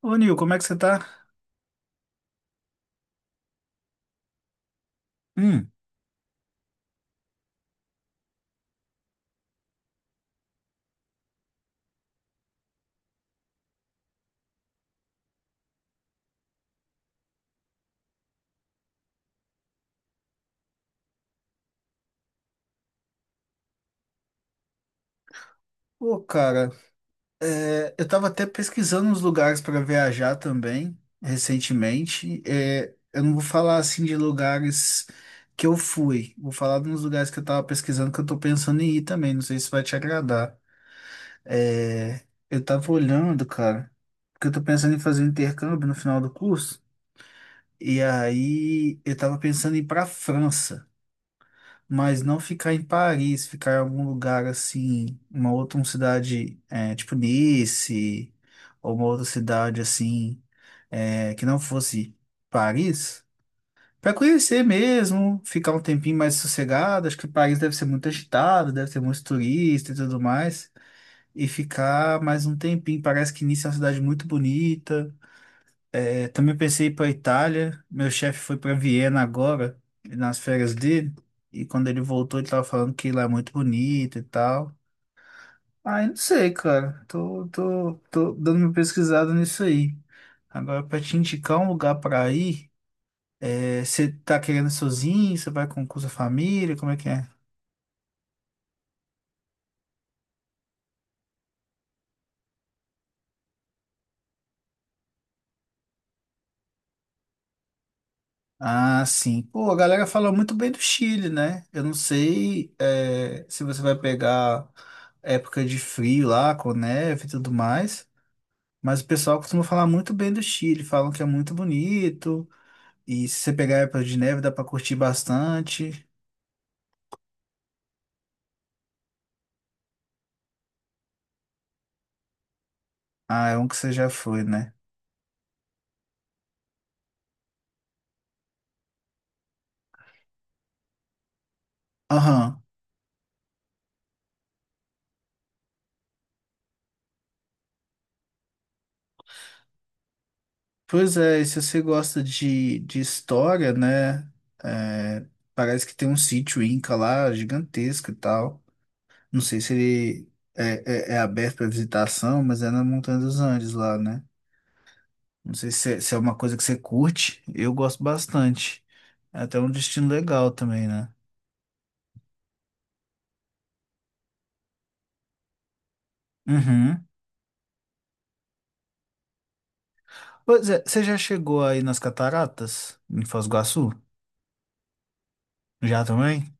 Ô, Nil, como é que você tá? Hum, pô, cara, eu tava até pesquisando uns lugares pra viajar também, recentemente. Eu não vou falar assim de lugares que eu fui, vou falar de uns lugares que eu tava pesquisando que eu tô pensando em ir também. Não sei se vai te agradar. É, eu tava olhando, cara, porque eu tô pensando em fazer um intercâmbio no final do curso, e aí eu tava pensando em ir pra França. Mas não ficar em Paris, ficar em algum lugar assim, uma outra uma cidade tipo Nice, ou uma outra cidade assim, que não fosse Paris, para conhecer mesmo, ficar um tempinho mais sossegado. Acho que Paris deve ser muito agitado, deve ter muito turista e tudo mais, e ficar mais um tempinho. Parece que Nice é uma cidade muito bonita. Também pensei ir para Itália. Meu chefe foi para Viena agora, nas férias dele. E quando ele voltou, ele tava falando que lá é muito bonito e tal. Ah, eu não sei, cara. Tô dando uma pesquisada nisso aí. Agora, para te indicar um lugar para ir, você tá querendo ir sozinho? Você vai com, sua família? Como é que é? Ah, sim. Pô, a galera fala muito bem do Chile, né? Eu não sei, se você vai pegar época de frio lá, com neve e tudo mais. Mas o pessoal costuma falar muito bem do Chile, falam que é muito bonito. E se você pegar a época de neve, dá pra curtir bastante. Ah, é um que você já foi, né? Aham. Pois é, e se você gosta de, história, né? é, parece que tem um sítio Inca lá, gigantesco e tal. Não sei se ele é aberto para visitação, mas é na Montanha dos Andes lá, né? Não sei se é, se é uma coisa que você curte. Eu gosto bastante. É até um destino legal também, né? Uhum. Pois é, você já chegou aí nas cataratas, em Foz do Iguaçu? Já também?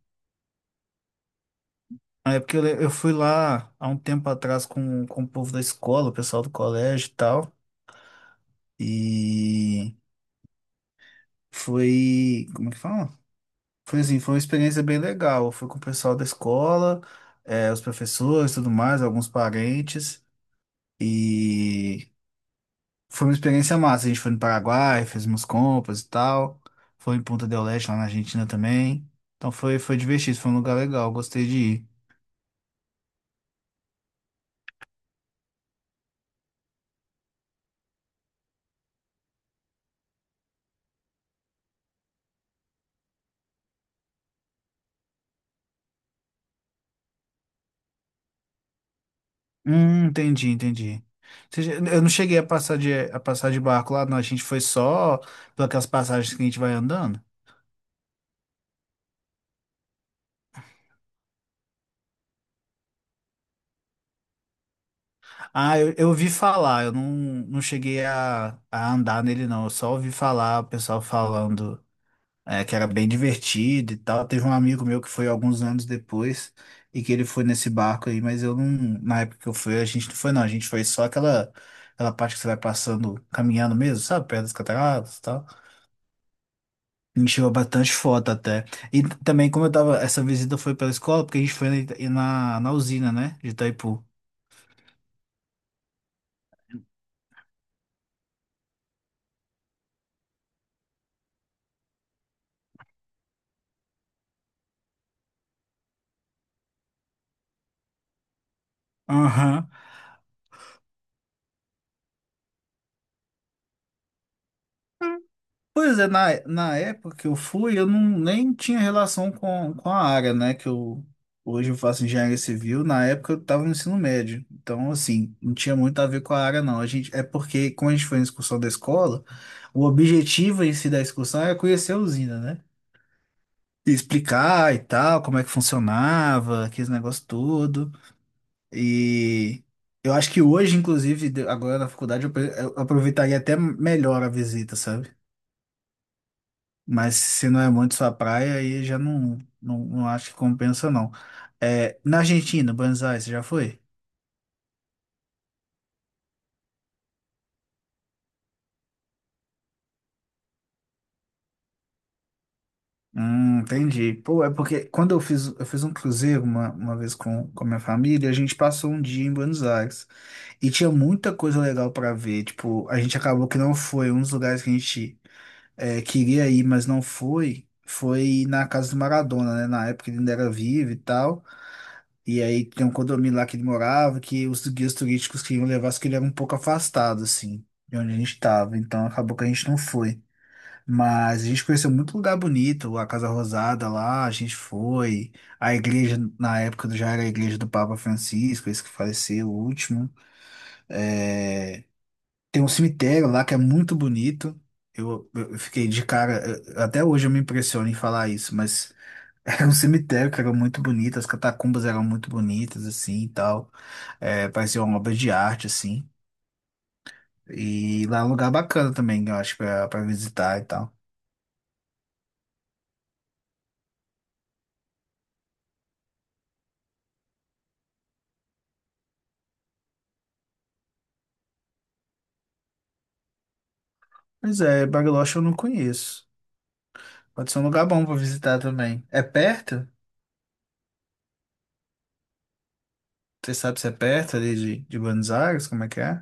Ah, é porque eu fui lá há um tempo atrás com, o povo da escola, o pessoal do colégio e tal. E foi. Como é que fala? Foi assim, foi uma experiência bem legal. Eu fui com o pessoal da escola, os professores e tudo mais, alguns parentes. E foi uma experiência massa. A gente foi no Paraguai, fez umas compras e tal. Foi em Punta del Este, lá na Argentina também. Então foi divertido, foi um lugar legal, gostei de ir. Entendi. Ou seja, eu não cheguei a a passar de barco lá, não. A gente foi só pelas passagens que a gente vai andando. Ah, eu ouvi falar, eu não, não cheguei a andar nele, não. Eu só ouvi falar o pessoal falando que era bem divertido e tal. Teve um amigo meu que foi alguns anos depois e que ele foi nesse barco aí, mas eu não. Na época que eu fui, a gente não foi, não. A gente foi só aquela parte que você vai passando, caminhando mesmo, sabe? Perto das cataratas e tal. A gente tirou bastante foto até. E também, como eu tava. Essa visita foi pela escola, porque a gente foi na usina, né? De Itaipu. Aham. Pois é, na época que eu fui, eu não, nem tinha relação com, a área, né? Que eu hoje eu faço engenharia civil, na época eu estava no ensino médio. Então, assim, não tinha muito a ver com a área, não. É porque, quando a gente foi na excursão da escola, o objetivo em si da excursão era conhecer a usina, né? E explicar e tal, como é que funcionava, aqueles negócios todo. E eu acho que hoje, inclusive, agora na faculdade, eu aproveitaria até melhor a visita, sabe? Mas se não é muito sua praia, aí já não acho que compensa, não. É, na Argentina, Buenos Aires, você já foi? Entendi. Pô, é porque quando eu fiz um cruzeiro uma vez com, a minha família, a gente passou um dia em Buenos Aires e tinha muita coisa legal para ver. Tipo, a gente acabou que não foi. Um dos lugares que a gente queria ir, mas não foi, foi na casa do Maradona, né? Na época ele ainda era vivo e tal. E aí tem um condomínio lá que ele morava, que os guias turísticos queriam levar, só que ele era um pouco afastado, assim, de onde a gente estava. Então acabou que a gente não foi. Mas a gente conheceu muito lugar bonito, a Casa Rosada lá, a gente foi. A igreja, na época, já era a igreja do Papa Francisco, esse que faleceu, o último. É, tem um cemitério lá que é muito bonito. Eu fiquei de cara, até hoje eu me impressiono em falar isso, mas era um cemitério que era muito bonito, as catacumbas eram muito bonitas, assim, e tal. É, parecia uma obra de arte, assim. E lá é um lugar bacana também, eu acho, pra visitar e tal. Pois é, Bariloche eu não conheço. Pode ser um lugar bom pra visitar também. É perto? Você sabe se é perto ali de, Buenos Aires? Como é que é?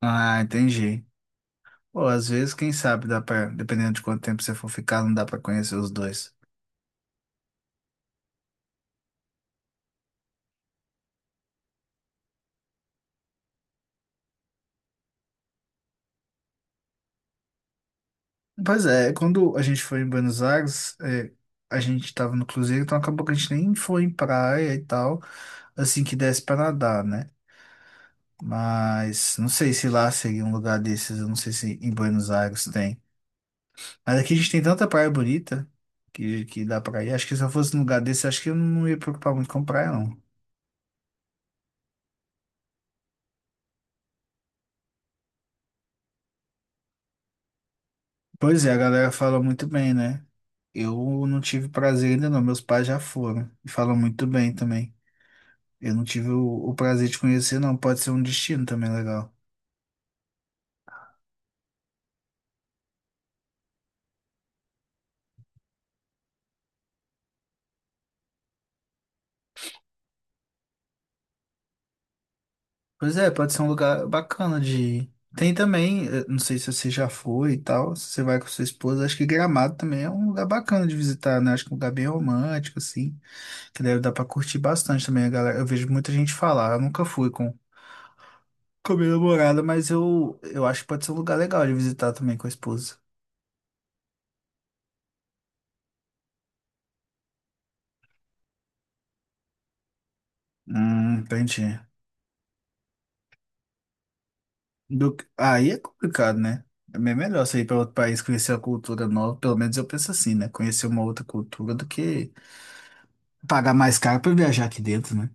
Ah, entendi. Pô, às vezes, quem sabe, dá pra, dependendo de quanto tempo você for ficar, não dá pra conhecer os dois. Pois é, quando a gente foi em Buenos Aires, a gente tava no cruzeiro, então acabou que a gente nem foi em praia e tal, assim que desse pra nadar, né? Mas não sei se lá seria um lugar desses, eu não sei se em Buenos Aires tem. Mas aqui a gente tem tanta praia bonita que, dá pra ir. Acho que se eu fosse num lugar desse, acho que eu não ia preocupar muito com praia, não. Pois é, a galera fala muito bem, né? Eu não tive prazer ainda não, meus pais já foram e falam muito bem também. Eu não tive o prazer de conhecer, não. Pode ser um destino também legal. Pois é, pode ser um lugar bacana de ir. Tem também, não sei se você já foi e tal, se você vai com sua esposa, acho que Gramado também é um lugar bacana de visitar, né? Acho que é um lugar bem romântico, assim, que deve dar pra curtir bastante também, a galera. Eu vejo muita gente falar, eu nunca fui com, a minha namorada, mas eu acho que pode ser um lugar legal de visitar também com a esposa. Entendi. Aí é complicado, né? É bem melhor você ir para outro país conhecer a cultura nova, pelo menos eu penso assim, né? Conhecer uma outra cultura do que pagar mais caro para viajar aqui dentro, né?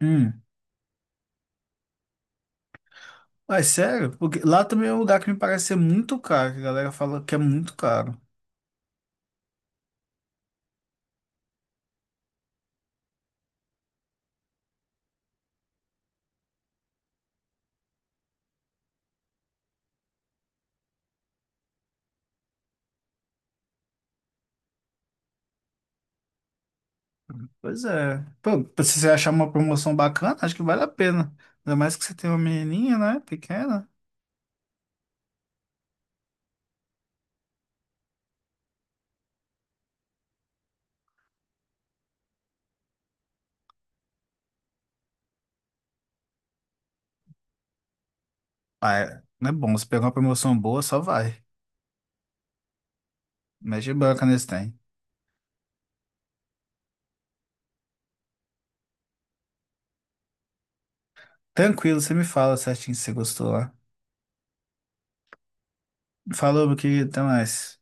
Hum. Mas sério, porque lá também é um lugar que me parece ser muito caro, que a galera fala que é muito caro. Pois é. Pô, se você achar uma promoção bacana, acho que vale a pena. Ainda mais que você tem uma menininha, né? Pequena. Ah, é. Não é bom. Se pegar uma promoção boa, só vai. Mete banca nesse tem. Tranquilo, você me fala certinho se você gostou lá. Falou, meu querido, até mais.